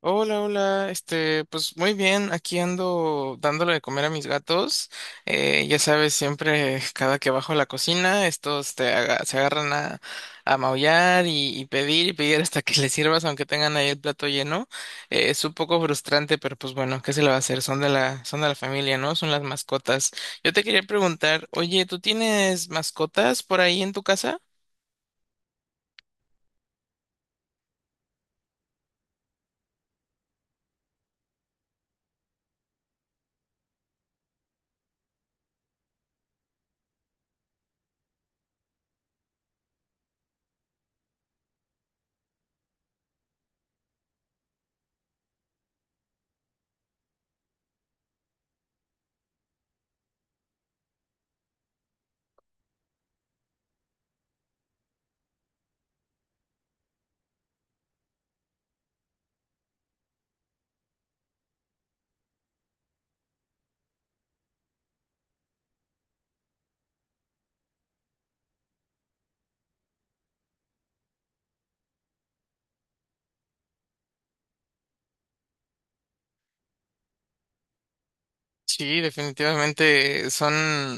Hola, hola, pues muy bien, aquí ando dándole de comer a mis gatos. Ya sabes, siempre cada que bajo a la cocina, estos se agarran a maullar y pedir y pedir hasta que les sirvas, aunque tengan ahí el plato lleno. Es un poco frustrante, pero pues bueno, ¿qué se le va a hacer? Son de la familia, ¿no? Son las mascotas. Yo te quería preguntar, oye, ¿tú tienes mascotas por ahí en tu casa? Sí, definitivamente son,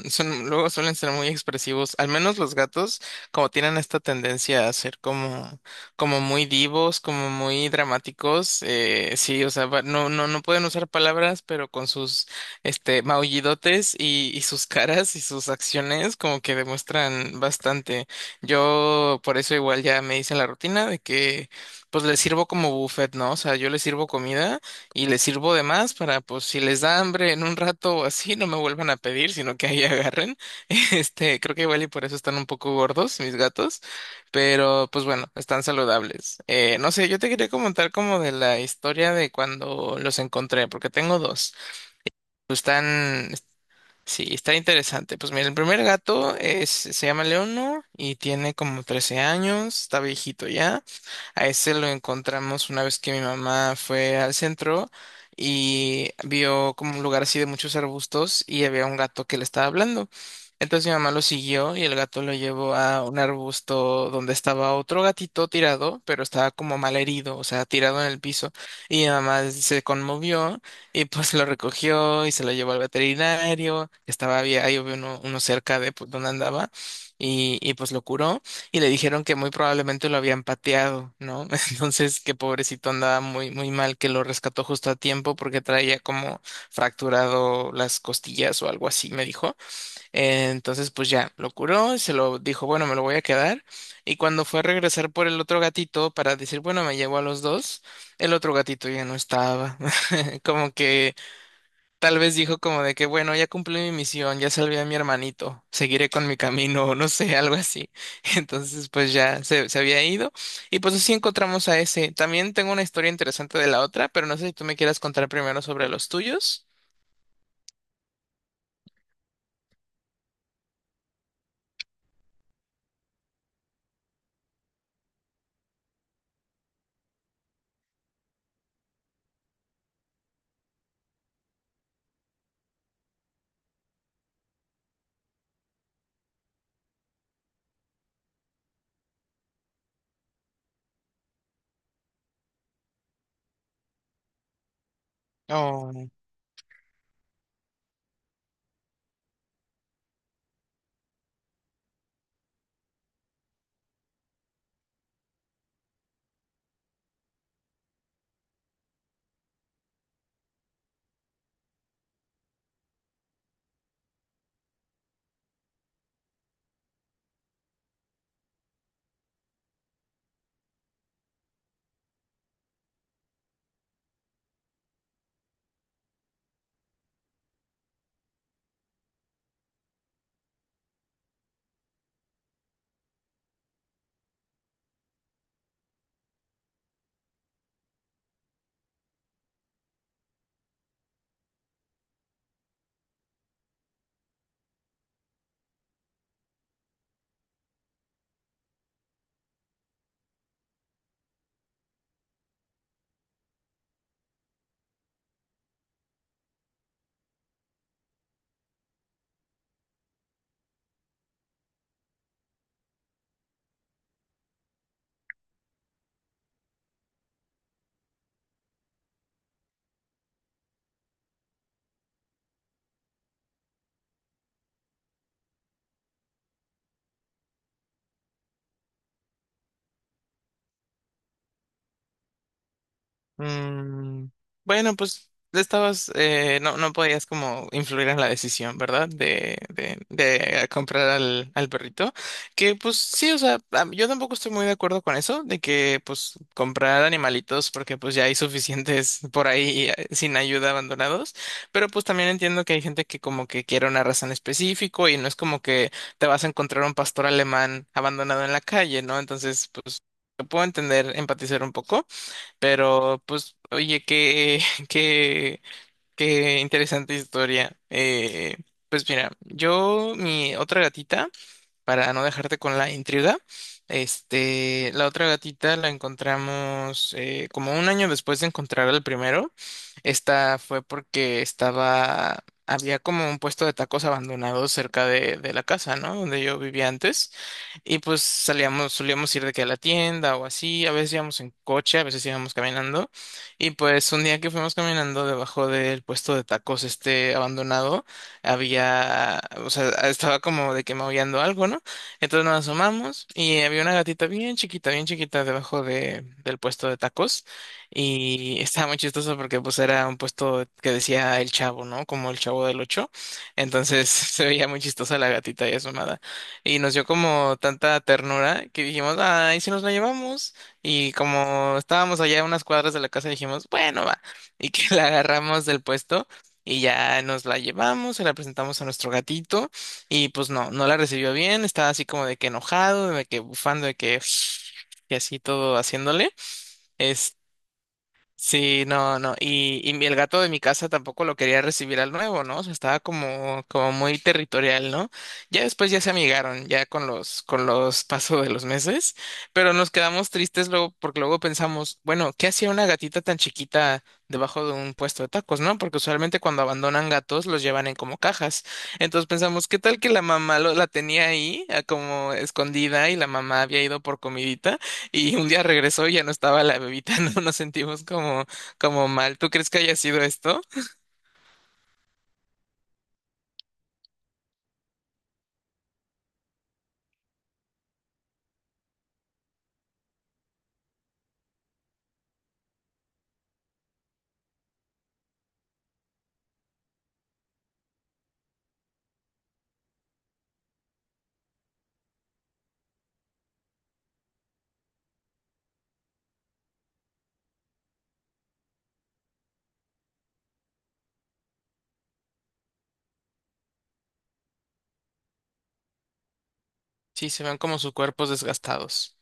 son, luego suelen ser muy expresivos. Al menos los gatos, como tienen esta tendencia a ser como muy divos, como muy dramáticos. Sí, o sea, no, no, no pueden usar palabras, pero con sus, maullidotes y sus caras y sus acciones, como que demuestran bastante. Yo, por eso igual ya me hice la rutina de que, pues les sirvo como buffet, ¿no? O sea, yo les sirvo comida y les sirvo de más para, pues, si les da hambre en un rato o así, no me vuelvan a pedir, sino que ahí agarren. Creo que igual y por eso están un poco gordos mis gatos, pero pues bueno, están saludables. No sé, yo te quería comentar como de la historia de cuando los encontré, porque tengo dos. Pues, Sí, está interesante. Pues mira, el primer gato se llama Leono y tiene como 13 años, está viejito ya. A ese lo encontramos una vez que mi mamá fue al centro y vio como un lugar así de muchos arbustos y había un gato que le estaba hablando. Entonces mi mamá lo siguió y el gato lo llevó a un arbusto donde estaba otro gatito tirado, pero estaba como mal herido, o sea, tirado en el piso. Y mi mamá se conmovió y pues lo recogió y se lo llevó al veterinario. Estaba bien, ahí había uno cerca de pues, donde andaba y pues lo curó y le dijeron que muy probablemente lo habían pateado, ¿no? Entonces, que pobrecito andaba muy, muy mal, que lo rescató justo a tiempo porque traía como fracturado las costillas o algo así, me dijo. Entonces, pues ya lo curó y se lo dijo, bueno, me lo voy a quedar. Y cuando fue a regresar por el otro gatito para decir, bueno, me llevo a los dos, el otro gatito ya no estaba. Como que Tal vez dijo como de que, bueno, ya cumplí mi misión, ya salvé a mi hermanito, seguiré con mi camino, o no sé, algo así. Entonces, pues ya se había ido. Y pues así encontramos a ese. También tengo una historia interesante de la otra, pero no sé si tú me quieras contar primero sobre los tuyos. Oh. Mm, bueno, pues estabas, no, no podías como influir en la decisión, ¿verdad? De comprar al perrito. Que pues sí, o sea, yo tampoco estoy muy de acuerdo con eso, de que pues comprar animalitos, porque pues ya hay suficientes por ahí sin ayuda abandonados. Pero pues también entiendo que hay gente que como que quiere una raza en específico y no es como que te vas a encontrar un pastor alemán abandonado en la calle, ¿no? Entonces, pues, lo puedo entender, empatizar un poco. Pero, pues, oye, qué, qué interesante historia. Pues mira, mi otra gatita para no dejarte con la intriga. La otra gatita la encontramos como un año después de encontrar al primero. Esta fue porque había como un puesto de tacos abandonado cerca de la casa, ¿no? Donde yo vivía antes. Y pues solíamos ir de que a la tienda o así. A veces íbamos en coche, a veces íbamos caminando. Y pues un día que fuimos caminando debajo del puesto de tacos este abandonado había, o sea, estaba como de que maullando algo, ¿no? Entonces nos asomamos y había una gatita bien chiquita debajo del puesto de tacos y estaba muy chistoso porque pues era un puesto que decía el Chavo, ¿no? Como el Chavo del Ocho. Entonces se veía muy chistosa la gatita ahí asomada y nos dio como tanta ternura que dijimos, ay, si nos la llevamos y como estábamos allá a unas cuadras de la casa dijimos, bueno, va y que la agarramos del puesto. Y ya nos la llevamos, se la presentamos a nuestro gatito y pues no, no la recibió bien, estaba así como de que enojado, de que bufando, de que y así todo haciéndole. Sí, no, no. Y el gato de mi casa tampoco lo quería recibir al nuevo, ¿no? O sea, estaba como muy territorial, ¿no? Ya después ya se amigaron, ya con los pasos de los meses, pero nos quedamos tristes luego, porque luego pensamos, bueno, ¿qué hacía una gatita tan chiquita debajo de un puesto de tacos? ¿No? Porque usualmente cuando abandonan gatos los llevan en como cajas. Entonces pensamos, ¿qué tal que la mamá la tenía ahí, como escondida, y la mamá había ido por comidita? Y un día regresó y ya no estaba la bebita, ¿no? Nos sentimos como mal. ¿Tú crees que haya sido esto? Sí, se ven como sus cuerpos desgastados.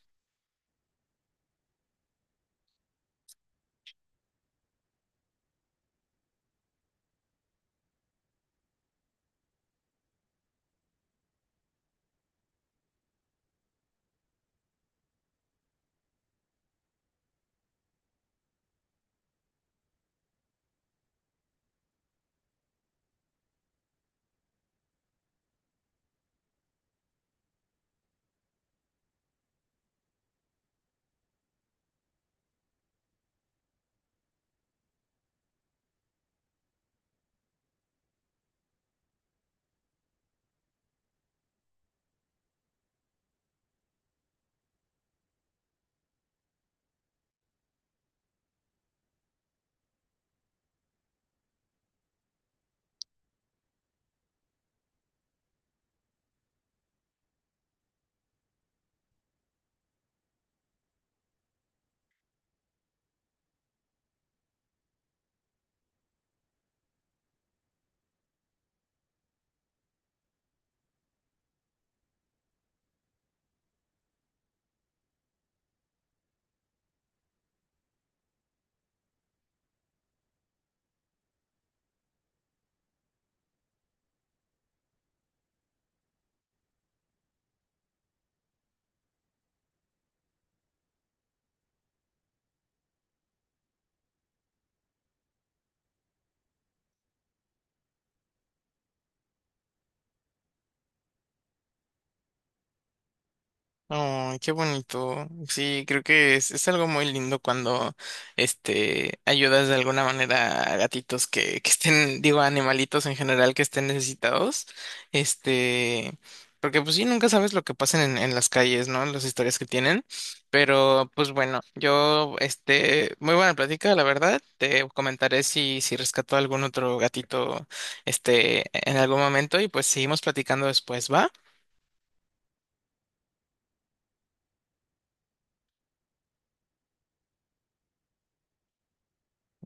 Ay, qué bonito. Sí, creo que es algo muy lindo cuando ayudas de alguna manera a gatitos que estén, digo, a animalitos en general que estén necesitados. Este, Porque pues sí, nunca sabes lo que pasan en las calles, ¿no? Las historias que tienen. Pero, pues bueno, muy buena plática, la verdad. Te comentaré si rescató algún otro gatito, este, en algún momento, y pues seguimos platicando después, ¿va?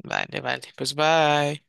Vale, vale. Pues bye.